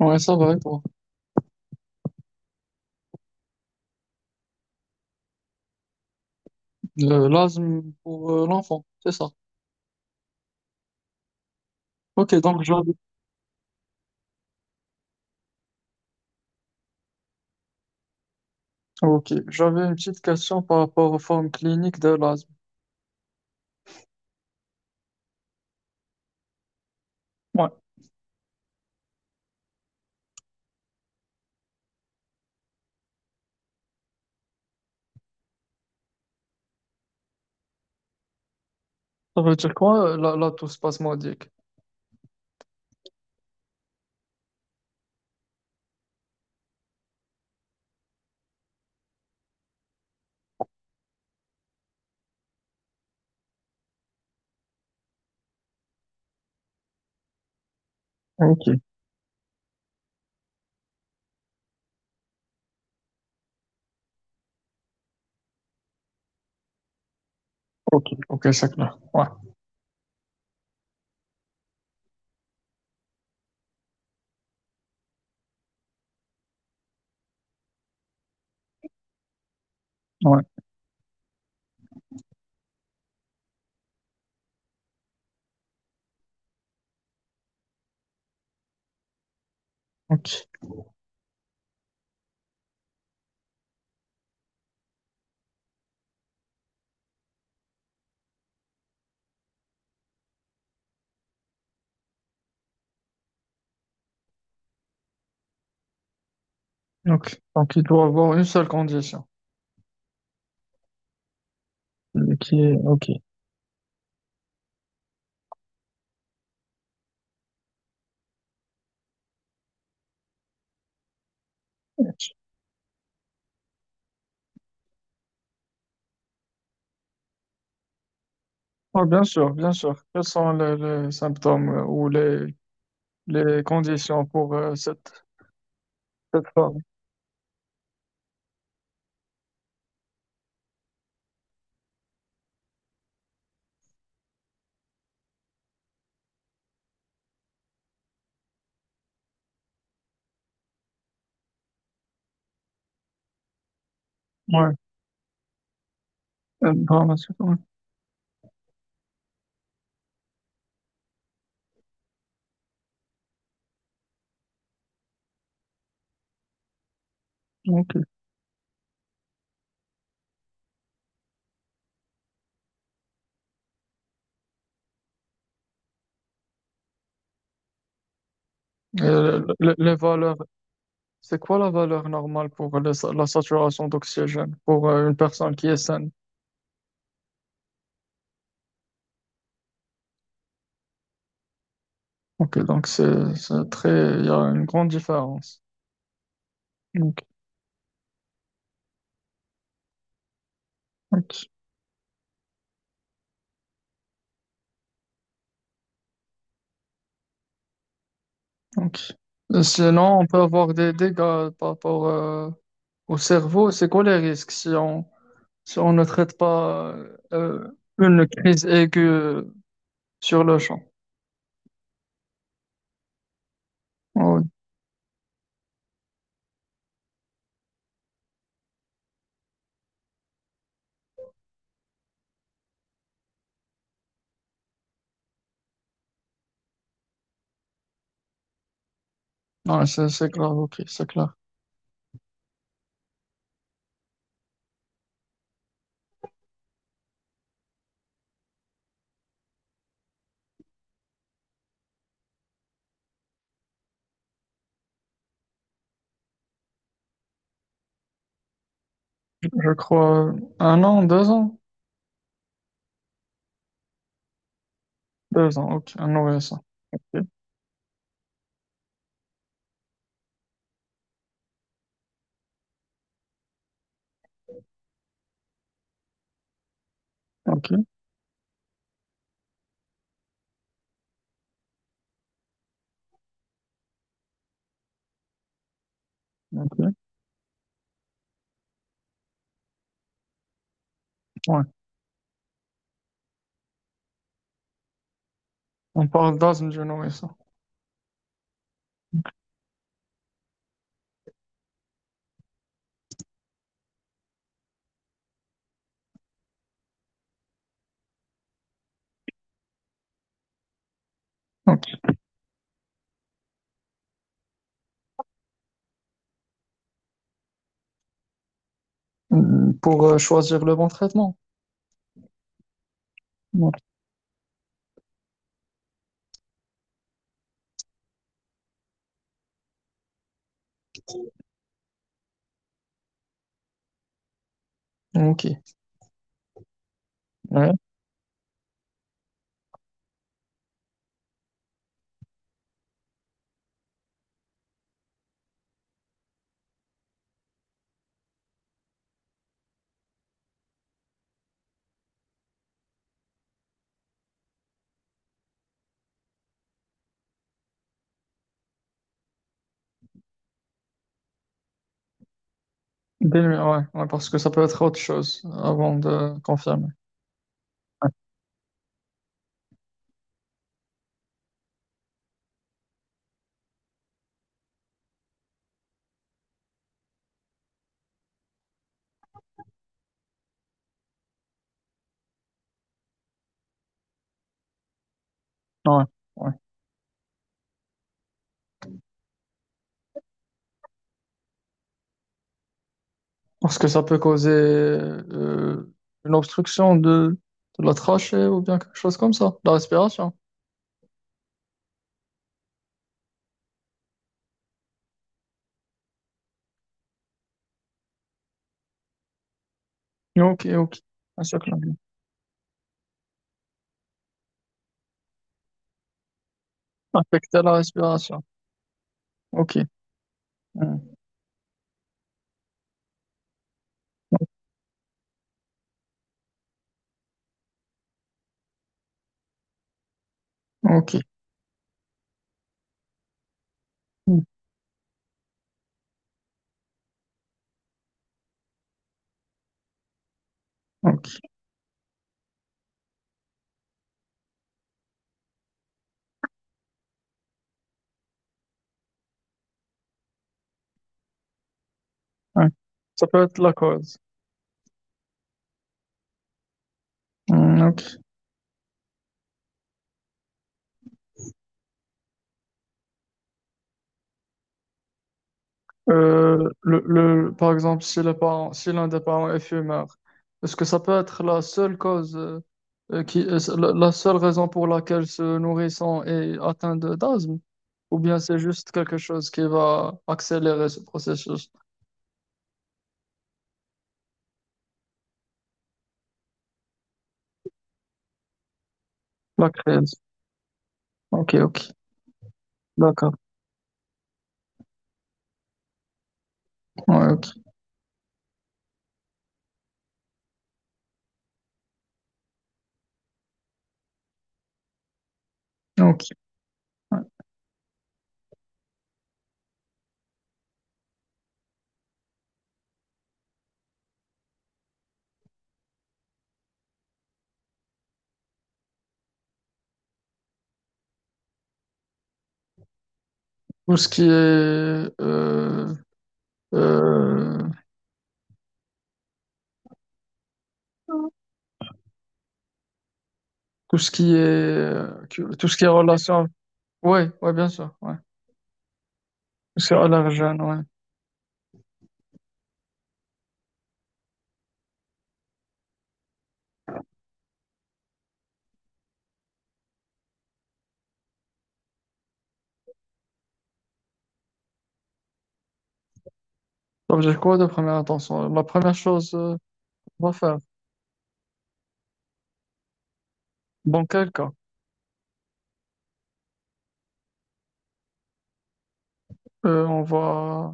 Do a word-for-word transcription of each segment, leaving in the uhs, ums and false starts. Ouais, ça va, et toi? Euh, l'asthme pour euh, l'enfant, c'est ça. Ok, donc j'avais ok, j'avais une petite question par rapport aux formes cliniques de l'asthme. Ouais. Ça veut dire quoi, euh, la, la toux spasmodique? Ok, ok, ok, c'est clair. Ouais, ouais, ok, ok. Donc il doit avoir une seule condition. euh, Qui est, ok. Ouais, bien sûr, bien sûr. Quels sont les, les symptômes euh, ou les, les conditions pour euh, cette, cette forme? Ouais, euh, par la suite, ouais. Ok. Euh, le- le- les valeurs. C'est quoi la valeur normale pour le sa- la saturation d'oxygène pour euh, une personne qui est saine? Ok, donc c'est c'est très, il y a une grande différence. Ok, ok, ok. Euh, Sinon, on peut avoir des dégâts par rapport euh, au cerveau. C'est quoi les risques si on si on ne traite pas euh, une crise aiguë sur le champ? Oui, c'est c'est grave. Ok, c'est clair. Je crois un an, deux ans? Deux ans, ok. Un nourrisson. Ok, ok, ok. Ouais. On parle d'asthme du nourrisson. Ok. Hmm, Pour euh, choisir le bon traitement. Ouais. Ok. Ouais. Des le- ouais, ouais, parce que ça peut être autre chose avant de confirmer. Ouais. Ouais. Parce que ça peut causer euh, une obstruction de, de la trachée ou bien quelque chose comme ça, la respiration. Ok, ok. Un choc lambien. Affecter la respiration. Ok. Hmm. Ok. Hmm. Ok. Ouais. Ça peut être la cause. Hmm, ok. Euh, le, le- par exemple, si le parent, si l'un des parents est fumeur, est-ce que ça peut être la seule cause, euh, euh, qui, euh, la, la seule raison pour laquelle ce nourrisson est atteint de- d'asthme? Ou bien c'est juste quelque chose qui va accélérer ce processus, la crise? Ok, ok, d'accord. Ouais, ok, donc Tout ce qui est, euh, euh, tout ce qui est, tout ce qui est relation, ouais, ouais, bien sûr, ouais. Tout ce qui est allergène, ouais. Ça veut dire quoi de première intention? La première chose euh, qu'on va faire, dans quel cas? Euh, on va,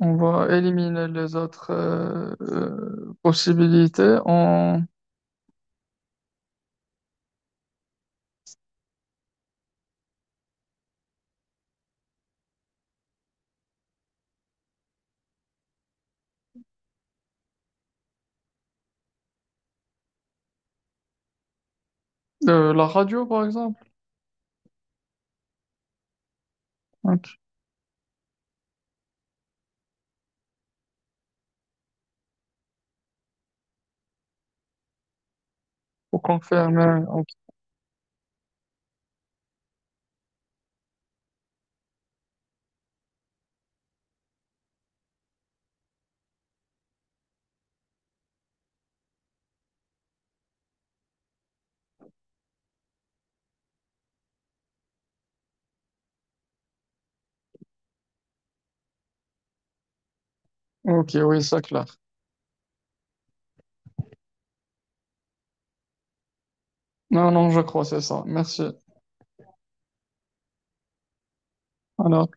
on va éliminer les autres euh, euh, possibilités en, euh, la radio, par exemple. Ok pour confirmer. Ok, ok, oui, c'est clair. Non, non, je crois que c'est ça. Merci. Alors.